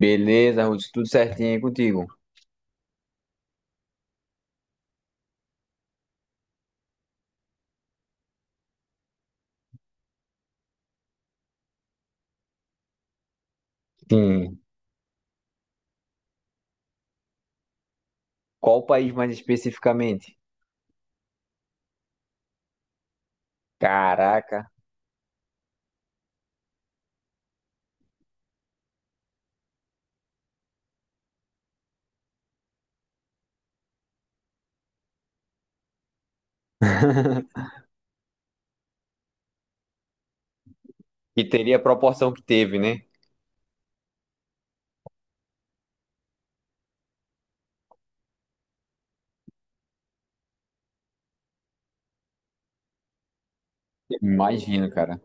Beleza, Ruth, tudo certinho aí contigo? Sim. Qual país mais especificamente? Caraca. E teria a proporção que teve, né? Imagino, cara.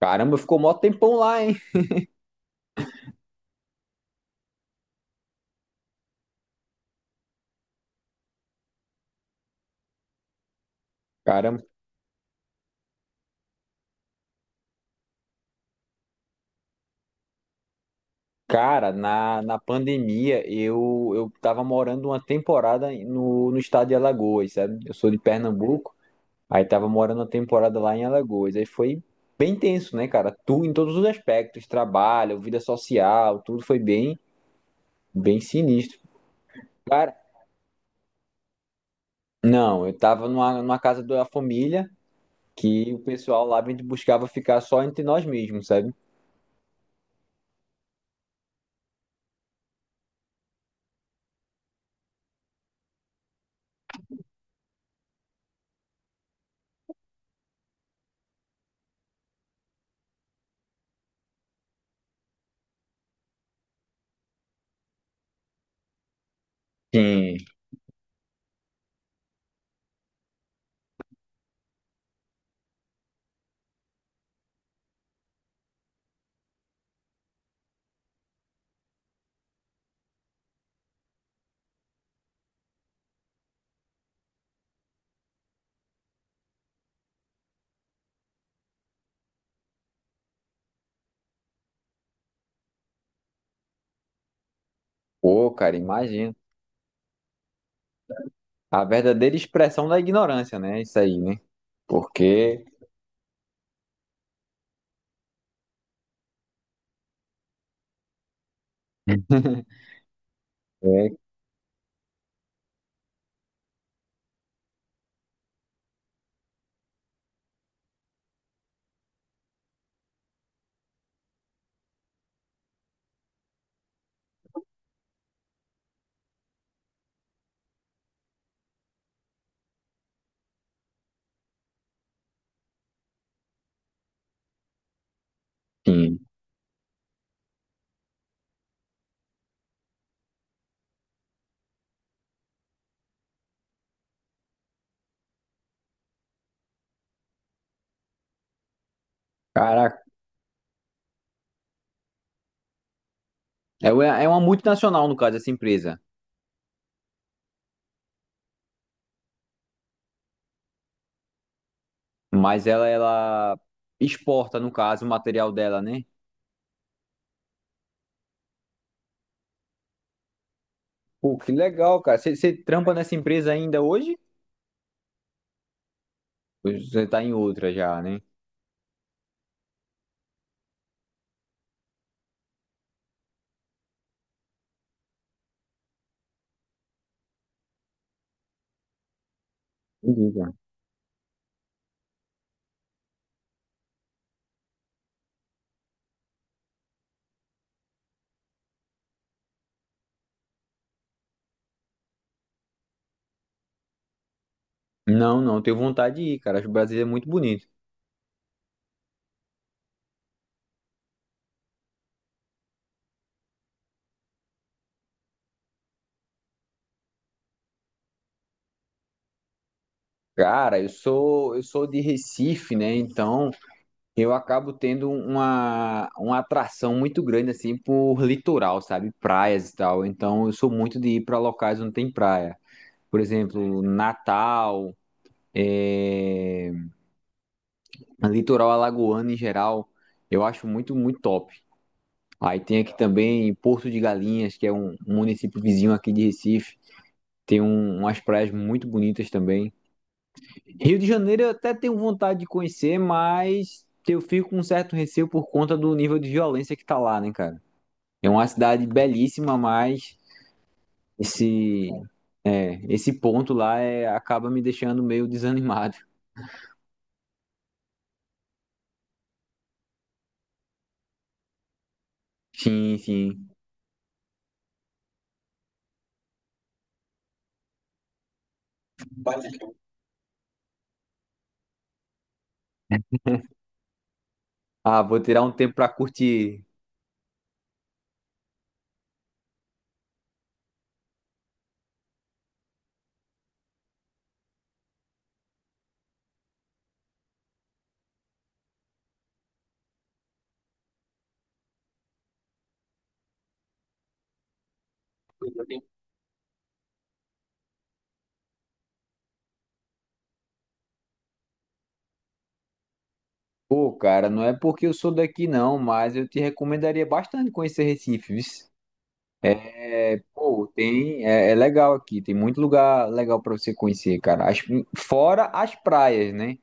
Caramba, ficou mó tempão lá, hein? Caramba. Cara, na pandemia eu tava morando uma temporada no estado de Alagoas, sabe? Eu sou de Pernambuco, aí tava morando uma temporada lá em Alagoas. Aí foi bem tenso, né, cara? Tu, em todos os aspectos, trabalho, vida social, tudo foi bem, bem sinistro. Não, eu tava numa casa da família que o pessoal lá me buscava ficar só entre nós mesmos, sabe? Sim. Pô, cara, imagina. A verdadeira expressão da ignorância, né? Isso aí, né? Porque, é, sim. Caraca. É, é uma multinacional, no caso, essa empresa. Mas ela exporta, no caso, o material dela, né? Pô, que legal, cara. Você trampa nessa empresa ainda hoje? Ou você tá em outra já, né? Entendi, cara. Não, não, tenho vontade de ir, cara. Acho o Brasil é muito bonito. Cara, eu sou de Recife, né? Então eu acabo tendo uma atração muito grande assim por litoral, sabe? Praias e tal. Então eu sou muito de ir para locais onde tem praia. Por exemplo, Natal, é... litoral alagoano em geral, eu acho muito, muito top. Aí tem aqui também Porto de Galinhas, que é um município vizinho aqui de Recife. Umas praias muito bonitas também. Rio de Janeiro eu até tenho vontade de conhecer, mas eu fico com um certo receio por conta do nível de violência que tá lá, né, cara? É uma cidade belíssima, mas esse, é, esse ponto lá é, acaba me deixando meio desanimado. Sim, sim. Ah, vou tirar um tempo pra curtir. Pô, cara, não é porque eu sou daqui não, mas eu te recomendaria bastante conhecer Recife, viu? É. Pô, tem, é, é legal aqui, tem muito lugar legal para você conhecer, cara. Fora as praias, né?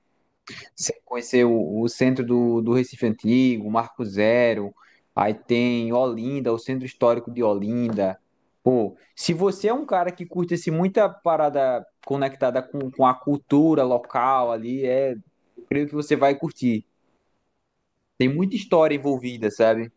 Você conhecer o centro do Recife Antigo, Marco Zero, aí tem Olinda, o centro histórico de Olinda. Pô, se você é um cara que curte assim, muita parada conectada com a cultura local ali, é, eu creio que você vai curtir. Tem muita história envolvida, sabe?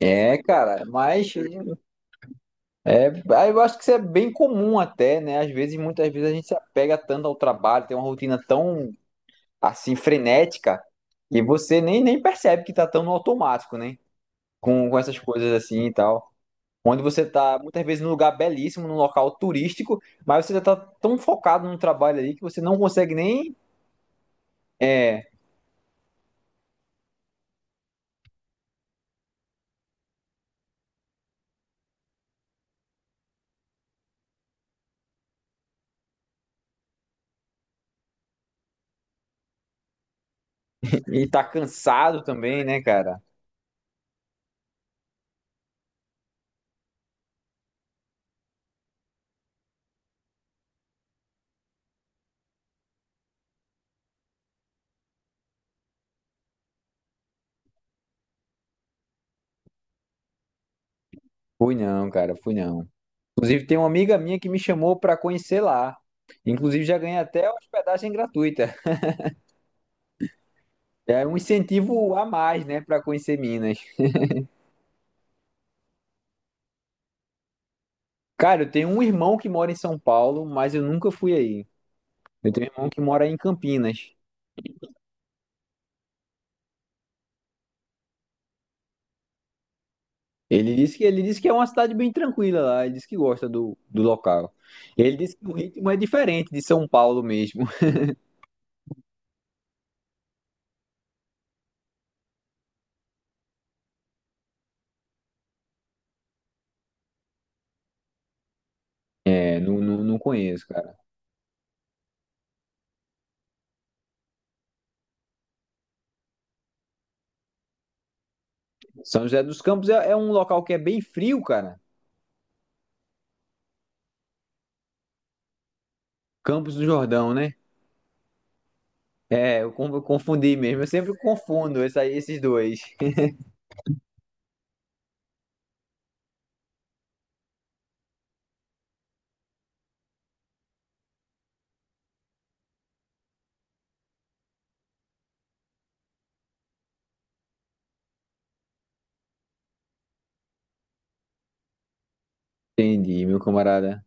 É, cara, mas é, aí eu acho que isso é bem comum até, né? Às vezes, muitas vezes a gente se apega tanto ao trabalho, tem uma rotina tão assim frenética e você nem percebe que tá tão no automático, né? Com essas coisas assim e tal. Onde você tá muitas vezes num lugar belíssimo, num local turístico, mas você já tá tão focado no trabalho ali que você não consegue nem é, e tá cansado também, né, cara? Fui não, cara, fui não. Inclusive, tem uma amiga minha que me chamou pra conhecer lá. Inclusive, já ganhei até hospedagem gratuita. É um incentivo a mais, né, pra conhecer Minas. Cara, eu tenho um irmão que mora em São Paulo, mas eu nunca fui aí. Eu tenho um irmão que mora em Campinas. Ele disse que é uma cidade bem tranquila lá, ele disse que gosta do local. Ele disse que o ritmo é diferente de São Paulo mesmo. É, não conheço, cara. São José dos Campos é, é um local que é bem frio, cara. Campos do Jordão, né? É, eu confundi mesmo. Eu sempre confundo essa- esses dois. Entendi, meu camarada.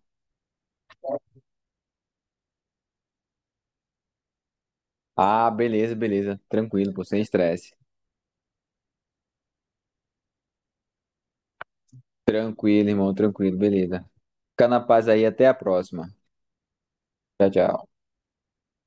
Ah, beleza, beleza. Tranquilo, pô, sem estresse. Tranquilo, irmão, tranquilo, beleza. Fica na paz aí, até a próxima. Tchau, tchau.